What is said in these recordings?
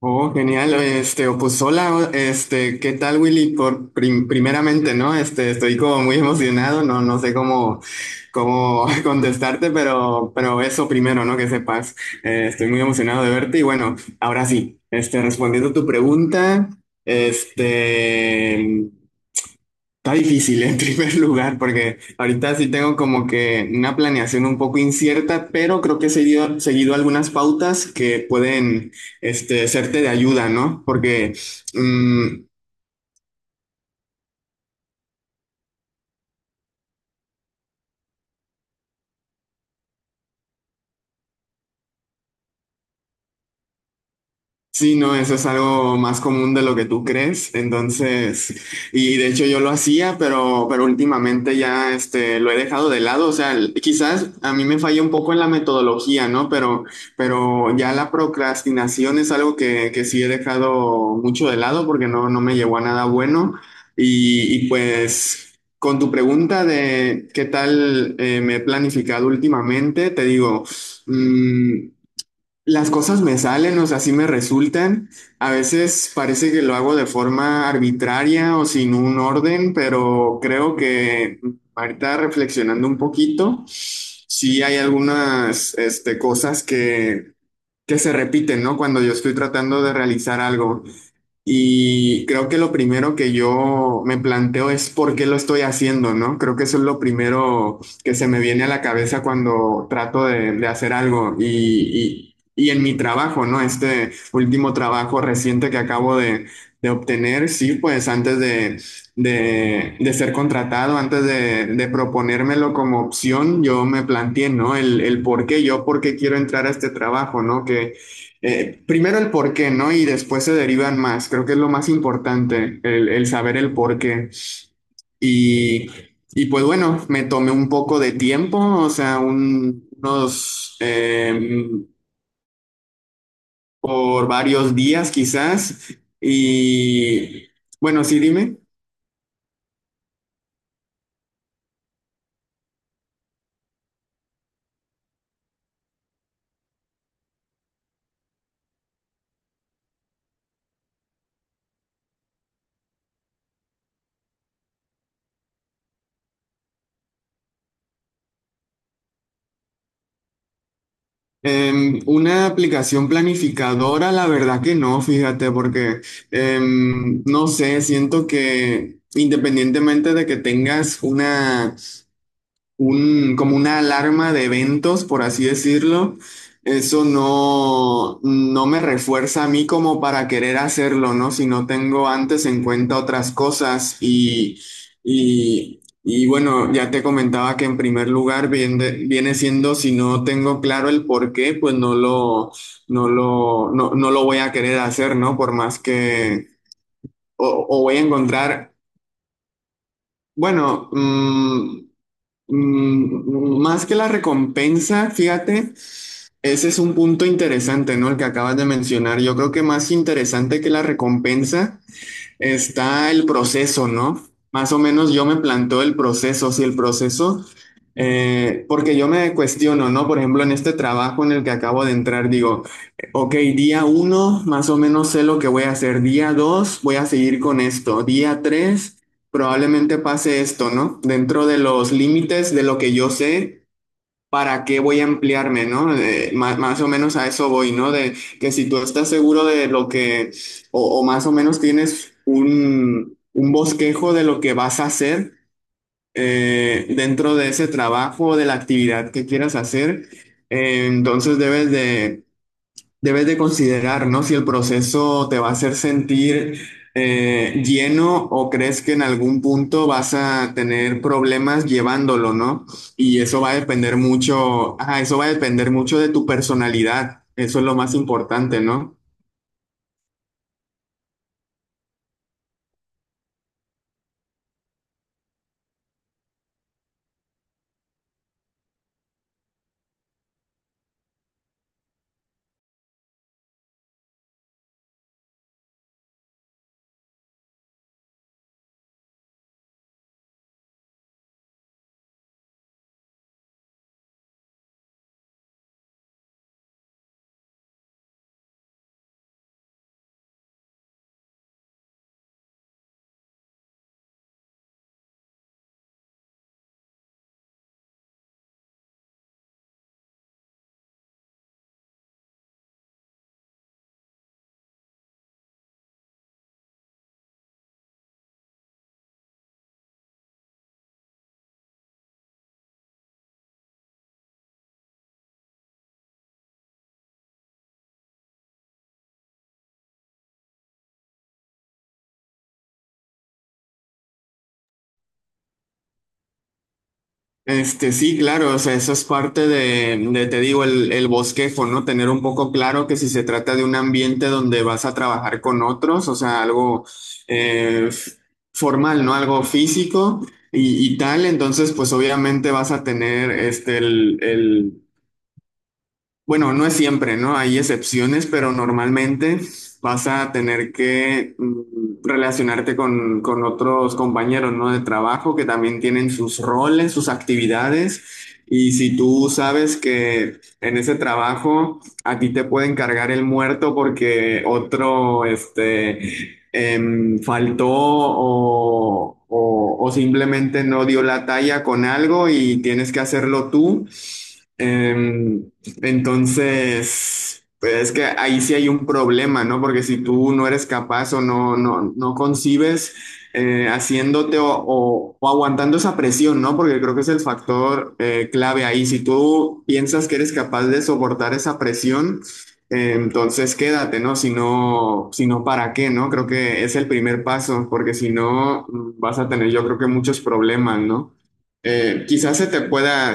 Oh, genial. Oye, este, o pues hola, ¿qué tal, Willy? Por primeramente, ¿no? Estoy como muy emocionado, no, no sé cómo contestarte, pero eso primero, ¿no? Que sepas. Estoy muy emocionado de verte. Y bueno, ahora sí, respondiendo a tu pregunta, este, está difícil en primer lugar porque ahorita sí tengo como que una planeación un poco incierta, pero creo que he seguido algunas pautas que pueden serte de ayuda, ¿no? Porque mm, Sí, no, eso es algo más común de lo que tú crees. Entonces, y de hecho yo lo hacía, pero últimamente ya lo he dejado de lado. O sea, quizás a mí me falla un poco en la metodología, ¿no? Pero ya la procrastinación es algo que sí he dejado mucho de lado porque no, no me llevó a nada bueno. Y pues, con tu pregunta de qué tal me he planificado últimamente, te digo, mm, las cosas me salen, o sea, así me resultan. A veces parece que lo hago de forma arbitraria o sin un orden, pero creo que ahorita, reflexionando un poquito, sí hay algunas cosas que se repiten, ¿no?, cuando yo estoy tratando de realizar algo. Y creo que lo primero que yo me planteo es por qué lo estoy haciendo, ¿no? Creo que eso es lo primero que se me viene a la cabeza cuando trato de hacer algo. Y en mi trabajo, ¿no? Este último trabajo reciente que acabo de obtener. Sí, pues antes de ser contratado, antes de proponérmelo como opción, yo me planteé, ¿no?, el por qué. Yo por qué quiero entrar a este trabajo, ¿no? Que, primero el por qué, ¿no? Y después se derivan más. Creo que es lo más importante, el saber el por qué. Y, y pues bueno, me tomé un poco de tiempo, o sea, unos, por varios días quizás. Y bueno, sí, dime. Una aplicación planificadora, la verdad que no, fíjate, porque no sé, siento que, independientemente de que tengas como una alarma de eventos, por así decirlo, eso no, no me refuerza a mí como para querer hacerlo, ¿no?, si no tengo antes en cuenta otras cosas. Y bueno, ya te comentaba que, en primer lugar, viene siendo si no tengo claro el por qué, pues no lo voy a querer hacer, ¿no? Por más que, o voy a encontrar, bueno. Más que la recompensa, fíjate, ese es un punto interesante, ¿no? El que acabas de mencionar. Yo creo que, más interesante que la recompensa, está el proceso, ¿no? Más o menos yo me planteo el proceso. Si el proceso, porque yo me cuestiono, ¿no? Por ejemplo, en este trabajo en el que acabo de entrar, digo, ok, día uno, más o menos sé lo que voy a hacer; día dos, voy a seguir con esto; día tres, probablemente pase esto, ¿no? Dentro de los límites de lo que yo sé. ¿Para qué voy a ampliarme, no? Más, o menos, a eso voy, ¿no? De que si tú estás seguro de lo que, o más o menos tienes un bosquejo de lo que vas a hacer dentro de ese trabajo o de la actividad que quieras hacer, entonces debes de debes de considerar, ¿no? Si el proceso te va a hacer sentir lleno o crees que en algún punto vas a tener problemas llevándolo, ¿no? Y eso va a depender mucho, ajá, eso va a depender mucho de tu personalidad. Eso es lo más importante, ¿no? Este, sí, claro, o sea, eso es parte de, te digo, el bosquejo, ¿no? Tener un poco claro que si se trata de un ambiente donde vas a trabajar con otros, o sea, algo f- formal, ¿no? Algo físico y tal, entonces, pues obviamente vas a tener este, el, bueno, no es siempre, ¿no? Hay excepciones, pero normalmente vas a tener que mm, relacionarte con otros compañeros, ¿no? De trabajo que también tienen sus roles, sus actividades. Y si tú sabes que en ese trabajo a ti te pueden cargar el muerto porque otro, este, em, faltó o simplemente no dio la talla con algo y tienes que hacerlo tú. Eh, entonces, pues es que ahí sí hay un problema, ¿no? Porque si tú no eres capaz o no, no, no concibes haciéndote o aguantando esa presión, ¿no? Porque creo que es el factor clave ahí. Si tú piensas que eres capaz de soportar esa presión, entonces quédate, ¿no? Si no, si no, ¿para qué, no? Creo que es el primer paso, porque si no, mm, vas a tener, yo creo que muchos problemas, ¿no? Quizás se te pueda,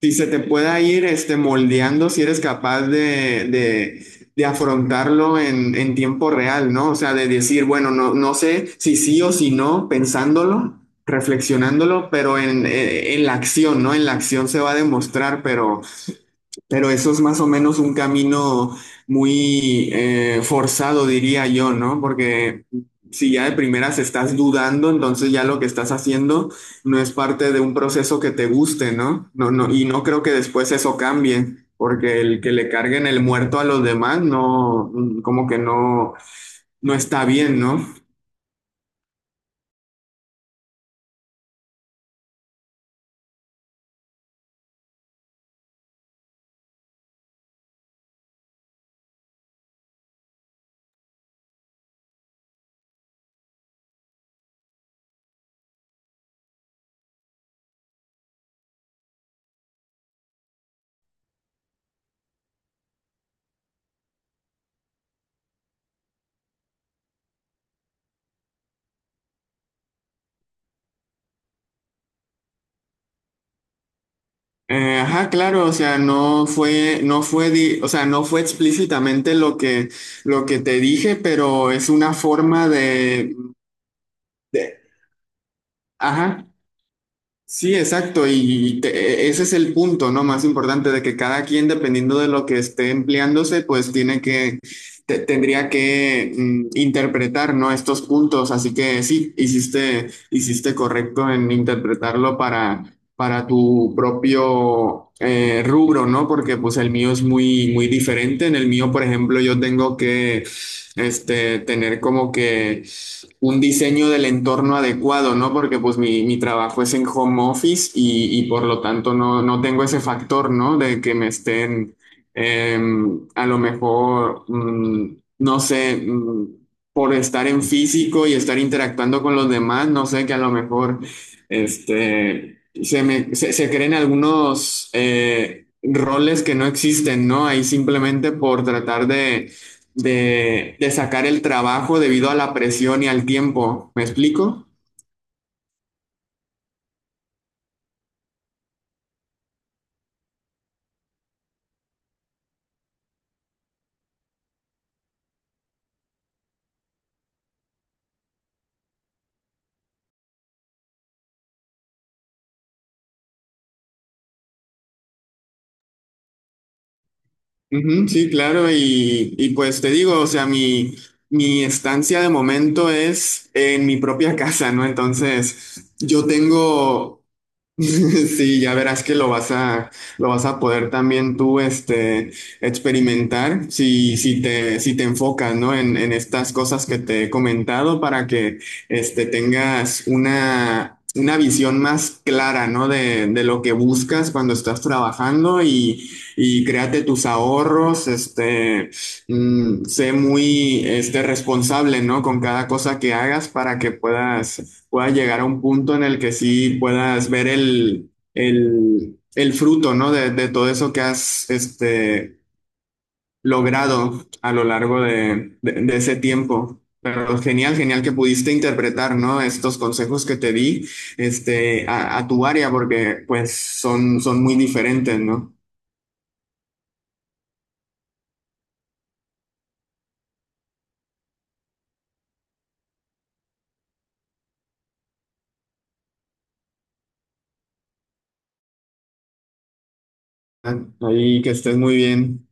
si se te pueda ir este, moldeando si eres capaz de afrontarlo en tiempo real, ¿no? O sea, de decir, bueno, no, no sé si sí o si no, pensándolo, reflexionándolo, pero en la acción, ¿no? En la acción se va a demostrar, pero eso es más o menos un camino muy forzado, diría yo, ¿no? Porque si ya de primeras estás dudando, entonces ya lo que estás haciendo no es parte de un proceso que te guste, ¿no? No, no, y no creo que después eso cambie, porque el que le carguen el muerto a los demás, no, como que no, no está bien, ¿no? Ajá, claro, o sea, no fue, no fue, di- o sea, no fue explícitamente lo que te dije, pero es una forma de, ajá. Sí, exacto, y te- ese es el punto, ¿no? Más importante de que cada quien, dependiendo de lo que esté empleándose, pues tiene que, te- tendría que mm, interpretar, ¿no? Estos puntos, así que sí, hiciste, hiciste correcto en interpretarlo para tu propio rubro, ¿no? Porque pues el mío es muy, muy diferente. En el mío, por ejemplo, yo tengo que, este, tener como que un diseño del entorno adecuado, ¿no? Porque pues mi trabajo es en home office y por lo tanto no, no tengo ese factor, ¿no? De que me estén eh, a lo mejor, mm, no sé, mm, por estar en físico y estar interactuando con los demás, no sé, que a lo mejor este, se, me, se creen algunos roles que no existen, ¿no? Ahí simplemente por tratar de sacar el trabajo debido a la presión y al tiempo. ¿Me explico? Ujú, sí, claro, y pues te digo, o sea, mi estancia de momento es en mi propia casa, ¿no? Entonces, yo tengo Sí, ya verás que lo vas a poder también tú, este, experimentar si, si te, si te enfocas, ¿no? En estas cosas que te he comentado para que, este, tengas una visión más clara, ¿no? De lo que buscas cuando estás trabajando y créate tus ahorros, este, mm, sé muy, este, responsable, ¿no? Con cada cosa que hagas para que puedas puedas llegar a un punto en el que sí puedas ver el fruto, ¿no? De todo eso que has este, logrado a lo largo de ese tiempo. Pero genial, genial que pudiste interpretar, ¿no? Estos consejos que te di, este, a tu área, porque pues son, son muy diferentes, ¿no? Ahí que estés muy bien.